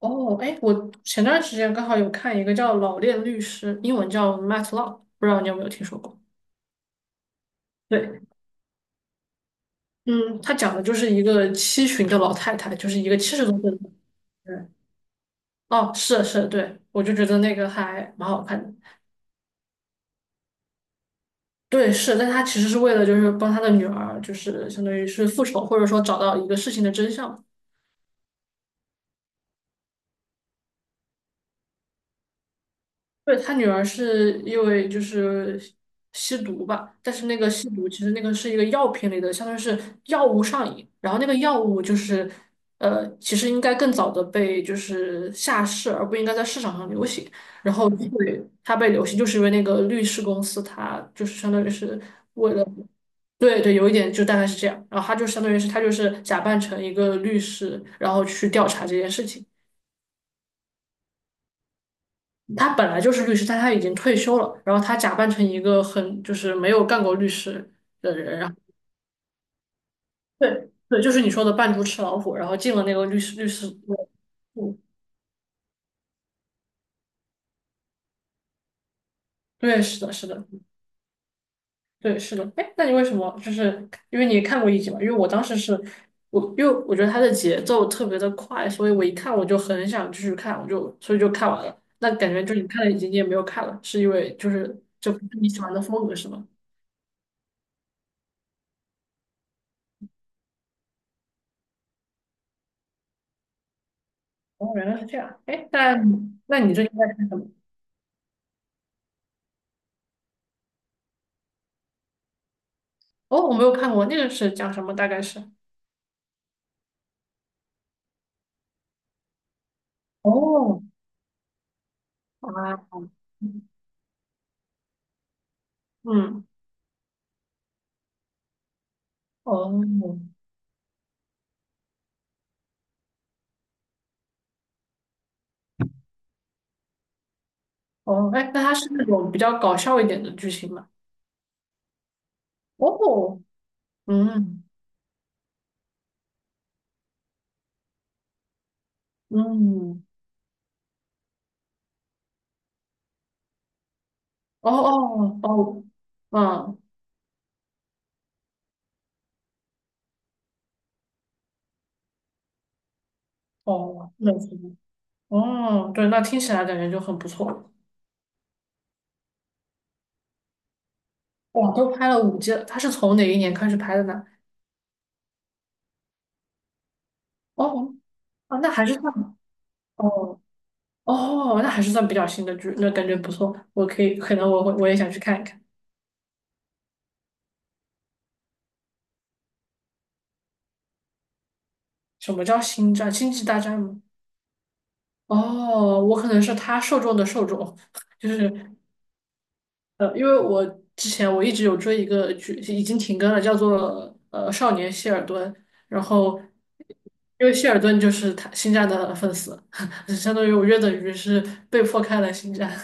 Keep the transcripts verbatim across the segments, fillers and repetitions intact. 哦，哎，我前段时间刚好有看一个叫《老练律师》，英文叫《Matt Law》，不知道你有没有听说过？对，嗯，他讲的就是一个七旬的老太太，就是一个七十多岁的老人。哦，是是，对，我就觉得那个还蛮好看的。对，是，但他其实是为了就是帮他的女儿，就是相当于是复仇，或者说找到一个事情的真相。对，他女儿是因为就是吸毒吧，但是那个吸毒其实那个是一个药品类的，相当于是药物上瘾，然后那个药物就是呃，其实应该更早的被就是下市，而不应该在市场上流行。然后对它被流行，就是因为那个律师公司，它就是相当于是对对，有一点就大概是这样。然后他就相当于是他就是假扮成一个律师，然后去调查这件事情。他本来就是律师，但他已经退休了，然后他假扮成一个很就是没有干过律师的人，然后对对，就是你说的扮猪吃老虎，然后进了那个律师律师，嗯，对，是的，是的，对，是的。哎，那你为什么就是因为你看过一集嘛？因为我当时是我，因为我觉得它的节奏特别的快，所以我一看我就很想继续看，我就所以就看完了。那感觉就你看了一集，你也没有看了，是因为就是就不是你喜欢的风格是吗？哦，原来是这样。哎，那那你最近在看什么？哦，我没有看过，那个是讲什么？大概是，哦，啊，嗯，哦，哦，哎，那它是那种比较搞笑一点的剧情吗？哦，嗯，嗯，哦哦哦，嗯，哦，那行，哦，对，那听起来感觉就很不错。哇，都拍了五季了，它是从哪一年开始拍的呢？哦，啊，那还是算，哦哦，那还是算比较新的剧，那感觉不错，我可以，可能我会我也想去看一看。什么叫星战？星际大战吗？哦，我可能是他受众的受众，就是呃，因为我之前我一直有追一个剧，已经停更了，叫做呃《少年谢尔顿》，然后因为谢尔顿就是他星战的粉丝，相当于我约等于是被迫看了星战。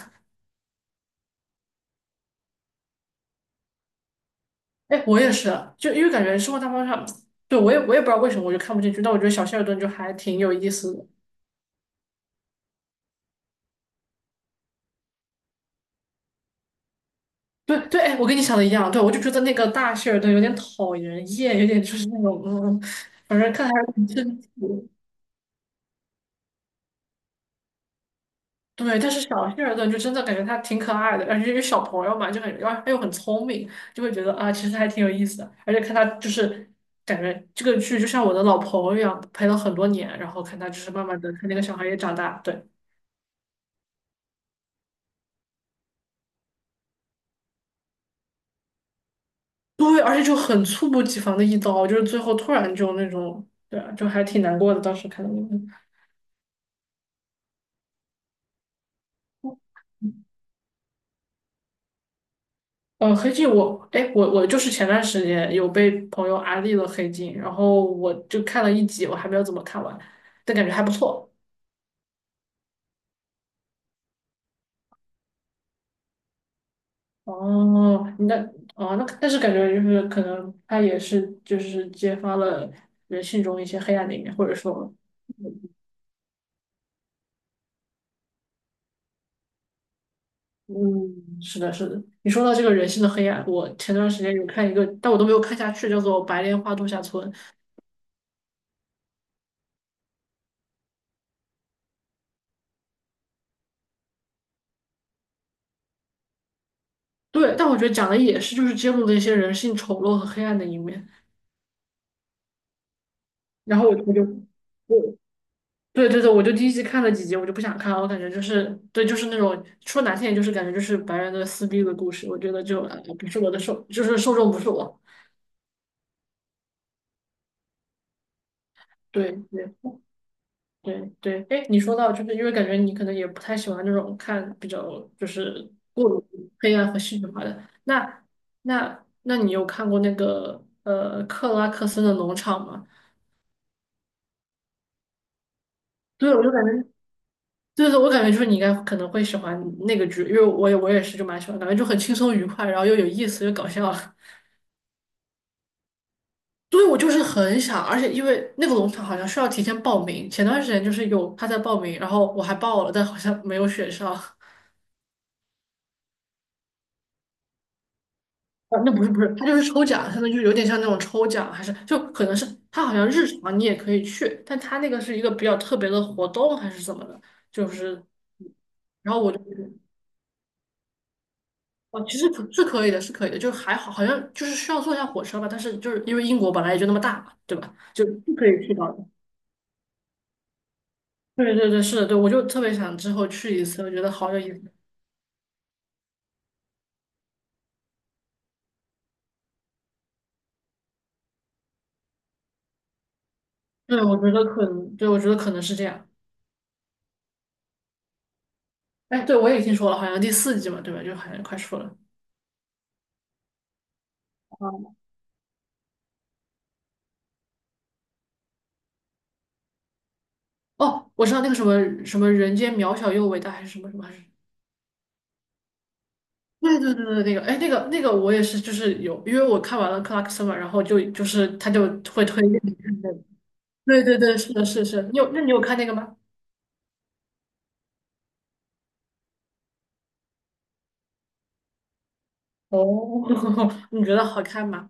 哎，我也是啊，就因为感觉生活大爆炸，对我也我也不知道为什么我就看不进去，但我觉得小谢尔顿就还挺有意思的。对对，哎，我跟你想的一样，对，我就觉得那个大谢尔顿有点讨人厌，有点就是那种，嗯，反正看着还是挺生气的对，但是小谢尔顿就真的感觉他挺可爱的，而且因为小朋友嘛，就很，然后他又很聪明，就会觉得啊，其实还挺有意思的。而且看他就是感觉这个剧就像我的老朋友一样，陪了很多年，然后看他就是慢慢的看那个小孩也长大，对对，而且就很猝不及防的一刀，就是最后突然就那种，对啊，就还挺难过的，当时看到那个。呃，黑镜我，哎，我我就是前段时间有被朋友安利了黑镜，然后我就看了一集，我还没有怎么看完，但感觉还不错。哦，那哦那但是感觉就是可能它也是就是揭发了人性中一些黑暗的一面，或者说，嗯，是的，是的。你说到这个人性的黑暗，我前段时间有看一个，但我都没有看下去，叫做《白莲花度假村》。对，但我觉得讲的也是就是揭露的一些人性丑陋和黑暗的一面，然后我我就。对对对，我就第一集看了几集，我就不想看了，我感觉就是，对，就是那种说难听点，就是感觉就是白人的撕逼的故事，我觉得就呃不是我的受，就是受众不是我。对对对对，哎，你说到就是因为感觉你可能也不太喜欢那种看比较就是过于黑暗和戏剧化的，那那那你有看过那个呃克拉克森的农场吗？对，我就感觉，对对，我感觉就是你应该可能会喜欢那个剧，因为我也我也是就蛮喜欢，感觉就很轻松愉快，然后又有意思又搞笑。对，我就是很想，而且因为那个农场好像需要提前报名，前段时间就是有他在报名，然后我还报了，但好像没有选上。啊，那不是不是，他就是抽奖，相当于就是有点像那种抽奖，还是就可能是他好像日常你也可以去，但他那个是一个比较特别的活动还是怎么的，就是，然后我就哦，其实可是可以的，是可以的，就还好，好像就是需要坐一下火车吧，但是就是因为英国本来也就那么大嘛，对吧？就不可以去到的。对对对，是的，对，我就特别想之后去一次，我觉得好有意思。对，我觉得可能，对，我觉得可能是这样。哎，对，我也听说了，好像第四季嘛，对吧？就好像快出了。哦，我知道那个什么什么人间渺小又伟大，还是什么什么，还是对对对对，那个，哎，那个那个我也是，就是有，因为我看完了克拉克森嘛，然后就就是他就会推荐你看那个。对对对，是的，是的是是你有，那你有看那个吗？哦，你觉得好看吗？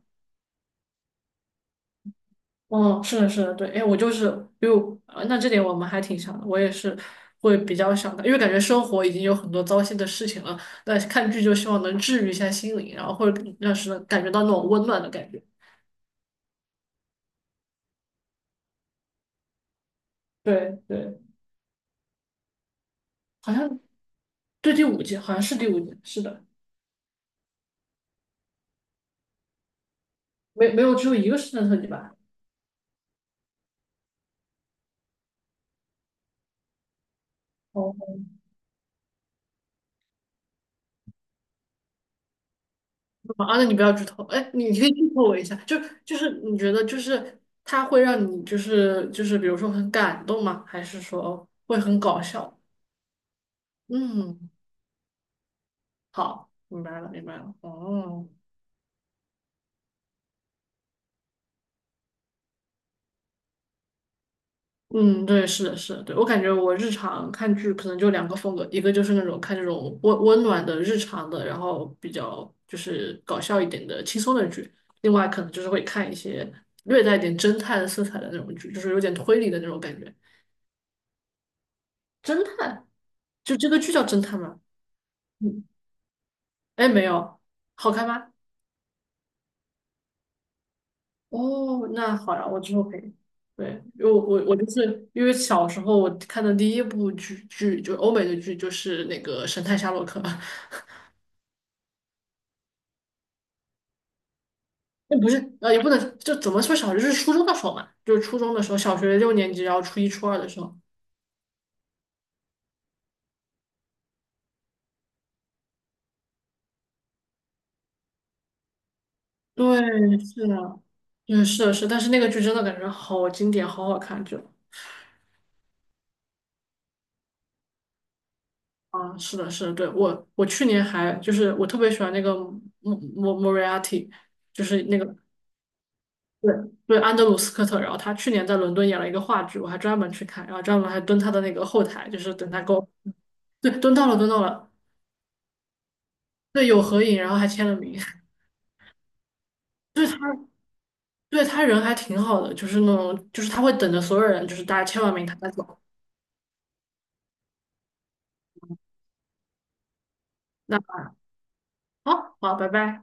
哦，是的，是的，对，哎，我就是，比如，呃那这点我们还挺像的，我也是会比较想的，因为感觉生活已经有很多糟心的事情了，那看剧就希望能治愈一下心灵，然后或者让是感觉到那种温暖的感觉。对对，好像对第五季，好像是第五季，是的，没没有只有一个圣诞特辑吧？哦，啊，那你不要剧透，哎，你可以剧透我一下，就就是你觉得就是它会让你就是就是比如说很感动吗？还是说会很搞笑？嗯。好，明白了，明白了。哦，嗯，对，是的，是的，对，我感觉我日常看剧可能就两个风格，一个就是那种看这种温温暖的日常的，然后比较就是搞笑一点的轻松的剧，另外可能就是会看一些略带一点侦探色彩的那种剧，就是有点推理的那种感觉。侦探，就这个剧叫侦探吗？嗯，哎，没有，好看吗？哦，那好呀，我之后可以。对，因为我我我就是因为小时候我看的第一部剧剧就欧美的剧就是那个《神探夏洛克》，那不是呃也不能就怎么说小就是初中的时候嘛，就是初中的时候，小学六年级，然后初一初二的时候。对，是的，对，是的是的但是那个剧真的感觉好经典，好好看，就啊，是的，是的，对我我去年还就是我特别喜欢那个莫莫莫瑞亚蒂，就是那个对，对，安德鲁·斯科特，然后他去年在伦敦演了一个话剧，我还专门去看，然后专门还蹲他的那个后台，就是等他给我，对，蹲到了，蹲到了，对，有合影，然后还签了名，对他，对他人还挺好的，就是那种，就是他会等着所有人，就是大家签完名他再走，那好，好，拜拜。